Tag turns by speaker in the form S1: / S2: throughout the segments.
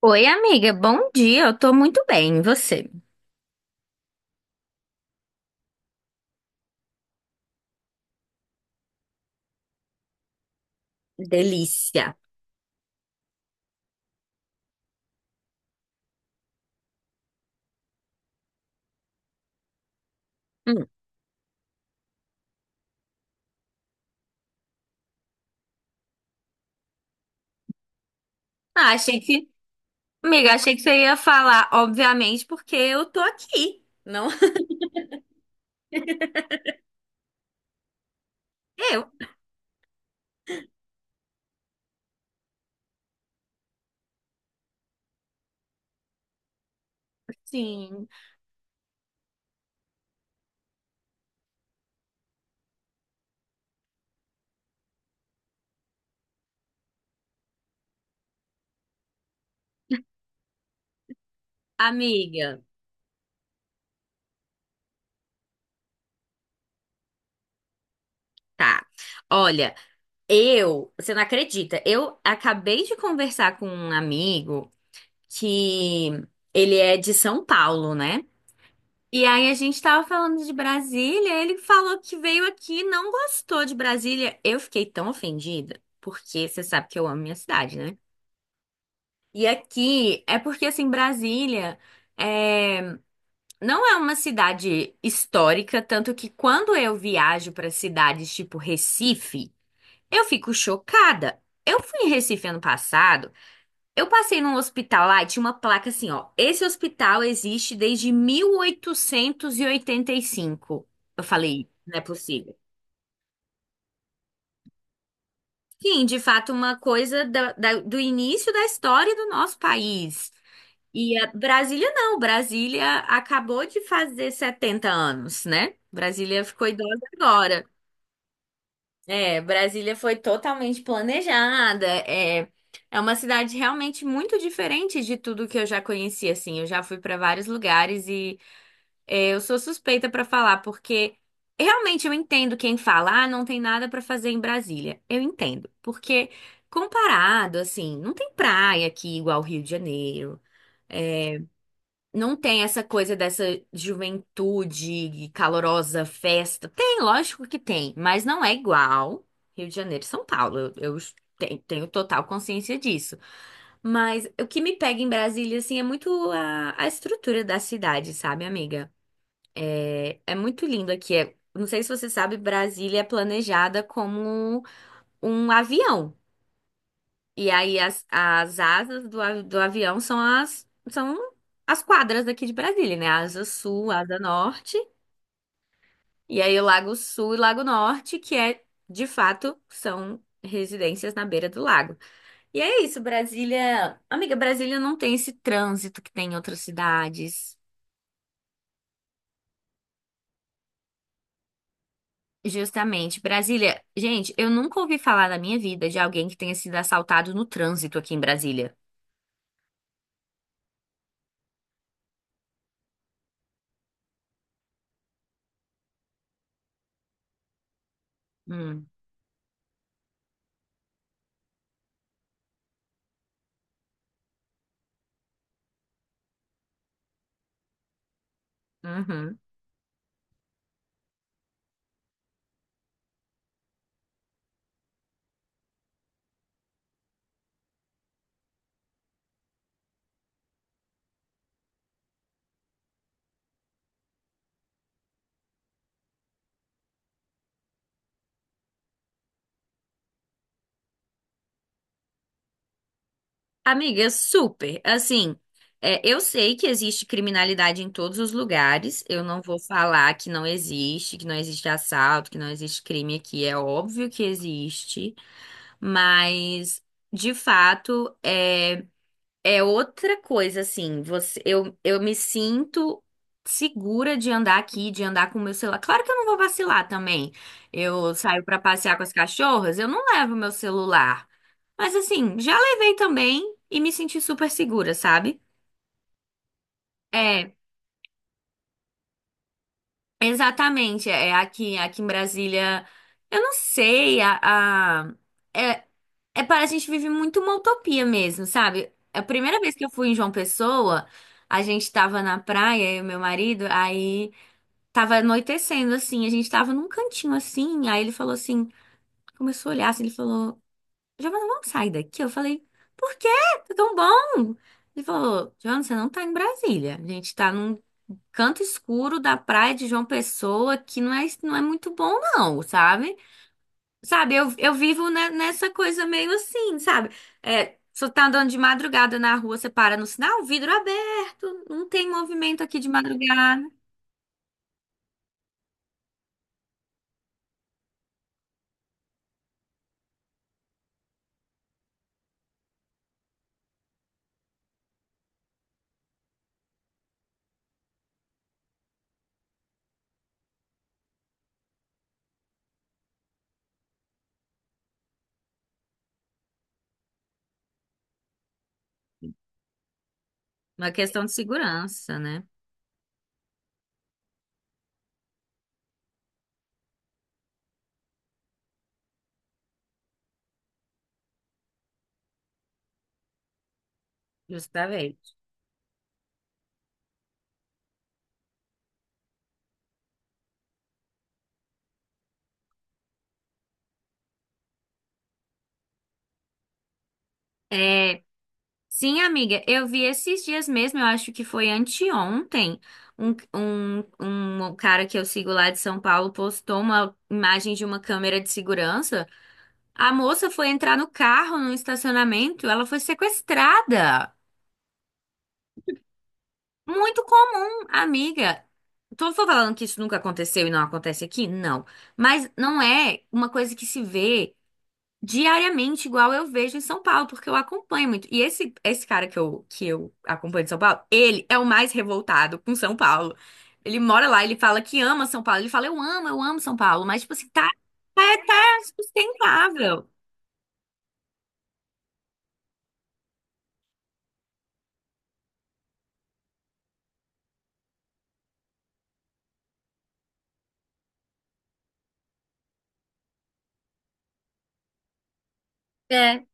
S1: Oi, amiga, bom dia. Eu tô muito bem, e você? Delícia. Hum. Ah, achei que, amiga, achei que você ia falar, obviamente, porque eu tô aqui, não eu. Sim, amiga. Tá. Olha, você não acredita, eu acabei de conversar com um amigo que ele é de São Paulo, né? E aí a gente tava falando de Brasília, ele falou que veio aqui e não gostou de Brasília. Eu fiquei tão ofendida, porque você sabe que eu amo minha cidade, né? E aqui é porque assim, é... não é uma cidade histórica, tanto que quando eu viajo para cidades tipo Recife, eu fico chocada. Eu fui em Recife ano passado. Eu passei num hospital lá e tinha uma placa assim, ó. Esse hospital existe desde mil oitocentos e oitenta e cinco. Eu falei, não é possível. Sim, de fato, uma coisa do início da história do nosso país. E a Brasília não, Brasília acabou de fazer 70 anos, né? Brasília ficou idosa agora. É, Brasília foi totalmente planejada. É, é uma cidade realmente muito diferente de tudo que eu já conheci, assim. Eu já fui para vários lugares e é, eu sou suspeita para falar, porque realmente eu entendo quem fala, ah, não tem nada para fazer em Brasília. Eu entendo, porque comparado, assim, não tem praia aqui igual Rio de Janeiro. Não tem essa coisa dessa juventude calorosa, festa. Tem, lógico que tem, mas não é igual Rio de Janeiro e São Paulo. Eu tenho total consciência disso. Mas o que me pega em Brasília, assim, é muito a estrutura da cidade, sabe, amiga? É, é muito lindo aqui. É- não sei se você sabe, Brasília é planejada como um avião. E aí as asas do avião são as quadras daqui de Brasília, né? Asa Sul, Asa Norte, e aí o Lago Sul e Lago Norte, que é de fato são residências na beira do lago. E é isso, Brasília. Amiga, Brasília não tem esse trânsito que tem em outras cidades. Justamente, Brasília. Gente, eu nunca ouvi falar na minha vida de alguém que tenha sido assaltado no trânsito aqui em Brasília. Hum. Uhum. Amiga, super. Assim, é, eu sei que existe criminalidade em todos os lugares. Eu não vou falar que não existe assalto, que não existe crime aqui. É óbvio que existe, mas de fato, é. É outra coisa, assim, você, eu me sinto segura de andar aqui, de andar com o meu celular. Claro que eu não vou vacilar também. Eu saio pra passear com as cachorras, eu não levo meu celular. Mas assim, já levei também e me senti super segura, sabe? É, exatamente. É aqui, aqui em Brasília, eu não sei, a- é, É, para a gente vive muito uma utopia mesmo, sabe? A primeira vez que eu fui em João Pessoa, a gente tava na praia, eu e meu marido, aí tava anoitecendo assim, a gente tava num cantinho assim, aí ele falou assim, começou a olhar assim, ele falou, Giovana, vamos sair daqui? Eu falei, por quê? Tá tão bom. Ele falou, Giovana, você não tá em Brasília, a gente tá num canto escuro da praia de João Pessoa, que não é muito bom não, sabe? Sabe, eu vivo nessa coisa meio assim, sabe? É, você tá andando de madrugada na rua, você para no sinal, vidro é aberto, não tem movimento aqui de madrugada. Uma questão de segurança, né? Justamente. É, sim, amiga, eu vi esses dias mesmo, eu acho que foi anteontem, um, um, um cara que eu sigo lá de São Paulo postou uma imagem de uma câmera de segurança. A moça foi entrar no carro, no estacionamento, ela foi sequestrada. Muito comum, amiga. Tô falando que isso nunca aconteceu e não acontece aqui? Não. Mas não é uma coisa que se vê diariamente, igual eu vejo em São Paulo, porque eu acompanho muito. E esse cara que eu acompanho de São Paulo, ele é o mais revoltado com São Paulo. Ele mora lá, ele fala que ama São Paulo. Ele fala, eu amo São Paulo. Mas, tipo assim, tá sustentável. É,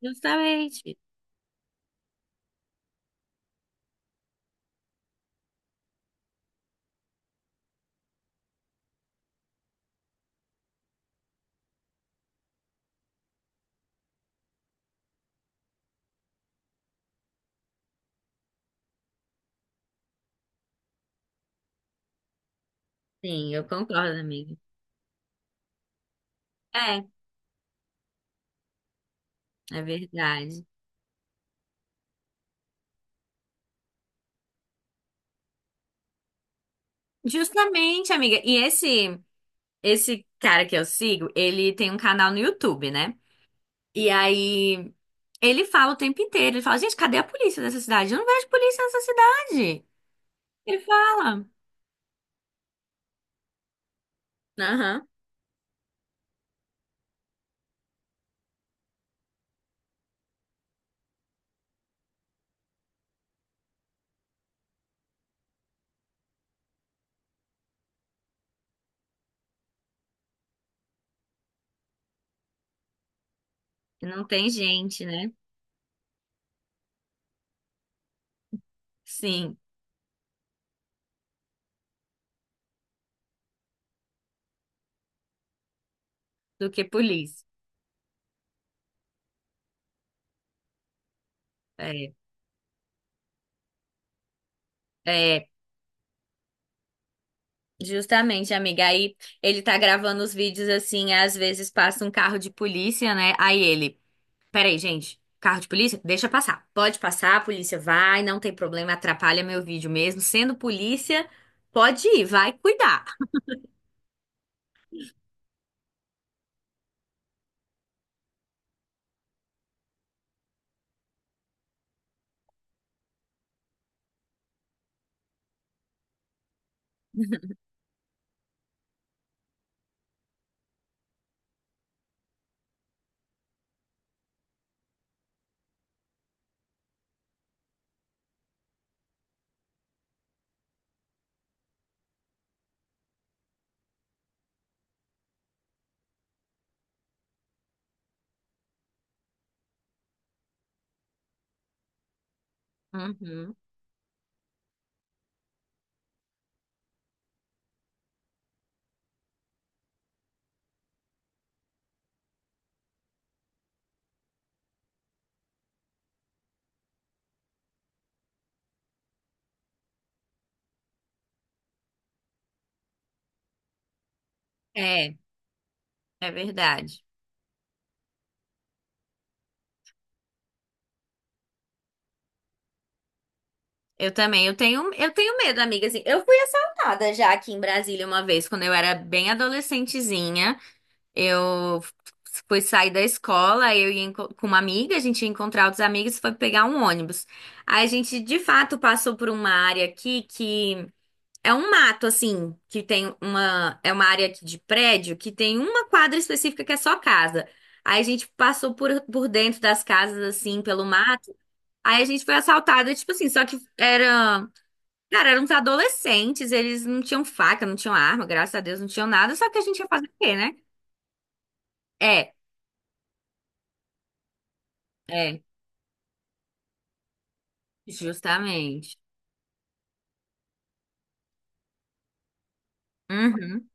S1: justamente. Sim, eu concordo, amiga. É, é verdade. Justamente, amiga. E esse. Esse cara que eu sigo, ele tem um canal no YouTube, né? E aí ele fala o tempo inteiro, ele fala, gente, cadê a polícia dessa cidade? Eu não vejo polícia nessa cidade. Ele fala. Aham. Não tem gente, né? Sim, do que polícia. É, é, justamente, amiga. Aí ele tá gravando os vídeos assim, às vezes passa um carro de polícia, né? Aí ele. Peraí, gente. Carro de polícia? Deixa passar. Pode passar, a polícia vai, não tem problema, atrapalha meu vídeo mesmo. Sendo polícia, pode ir, vai cuidar. Uhum. É, é verdade. Eu também, eu tenho medo, amiga, assim. Eu fui assaltada já aqui em Brasília uma vez, quando eu era bem adolescentezinha. Eu fui sair da escola, eu ia com uma amiga, a gente ia encontrar outros amigos, foi pegar um ônibus. Aí a gente, de fato, passou por uma área aqui que É um mato, assim, que tem uma. É uma área aqui de prédio que tem uma quadra específica que é só casa. Aí a gente passou por dentro das casas, assim, pelo mato. Aí a gente foi assaltado, tipo assim, só que era. Cara, eram uns adolescentes, eles não tinham faca, não tinham arma, graças a Deus não tinham nada, só que a gente ia fazer o quê, né? É, é, justamente. Uhum,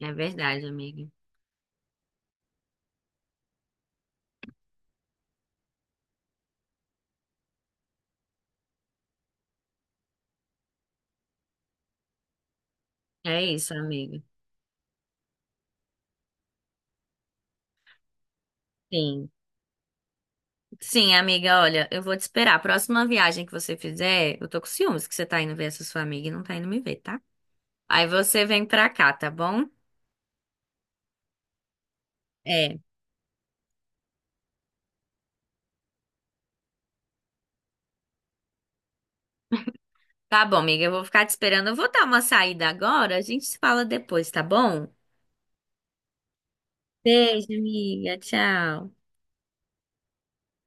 S1: é verdade, amiga. É isso, amiga. Sim. Sim, amiga, olha, eu vou te esperar. A próxima viagem que você fizer, eu tô com ciúmes que você tá indo ver essa sua amiga e não tá indo me ver, tá? Aí você vem pra cá, tá bom? É. Tá bom, amiga, eu vou ficar te esperando. Eu vou dar uma saída agora, a gente se fala depois, tá bom? Beijo, amiga. Tchau.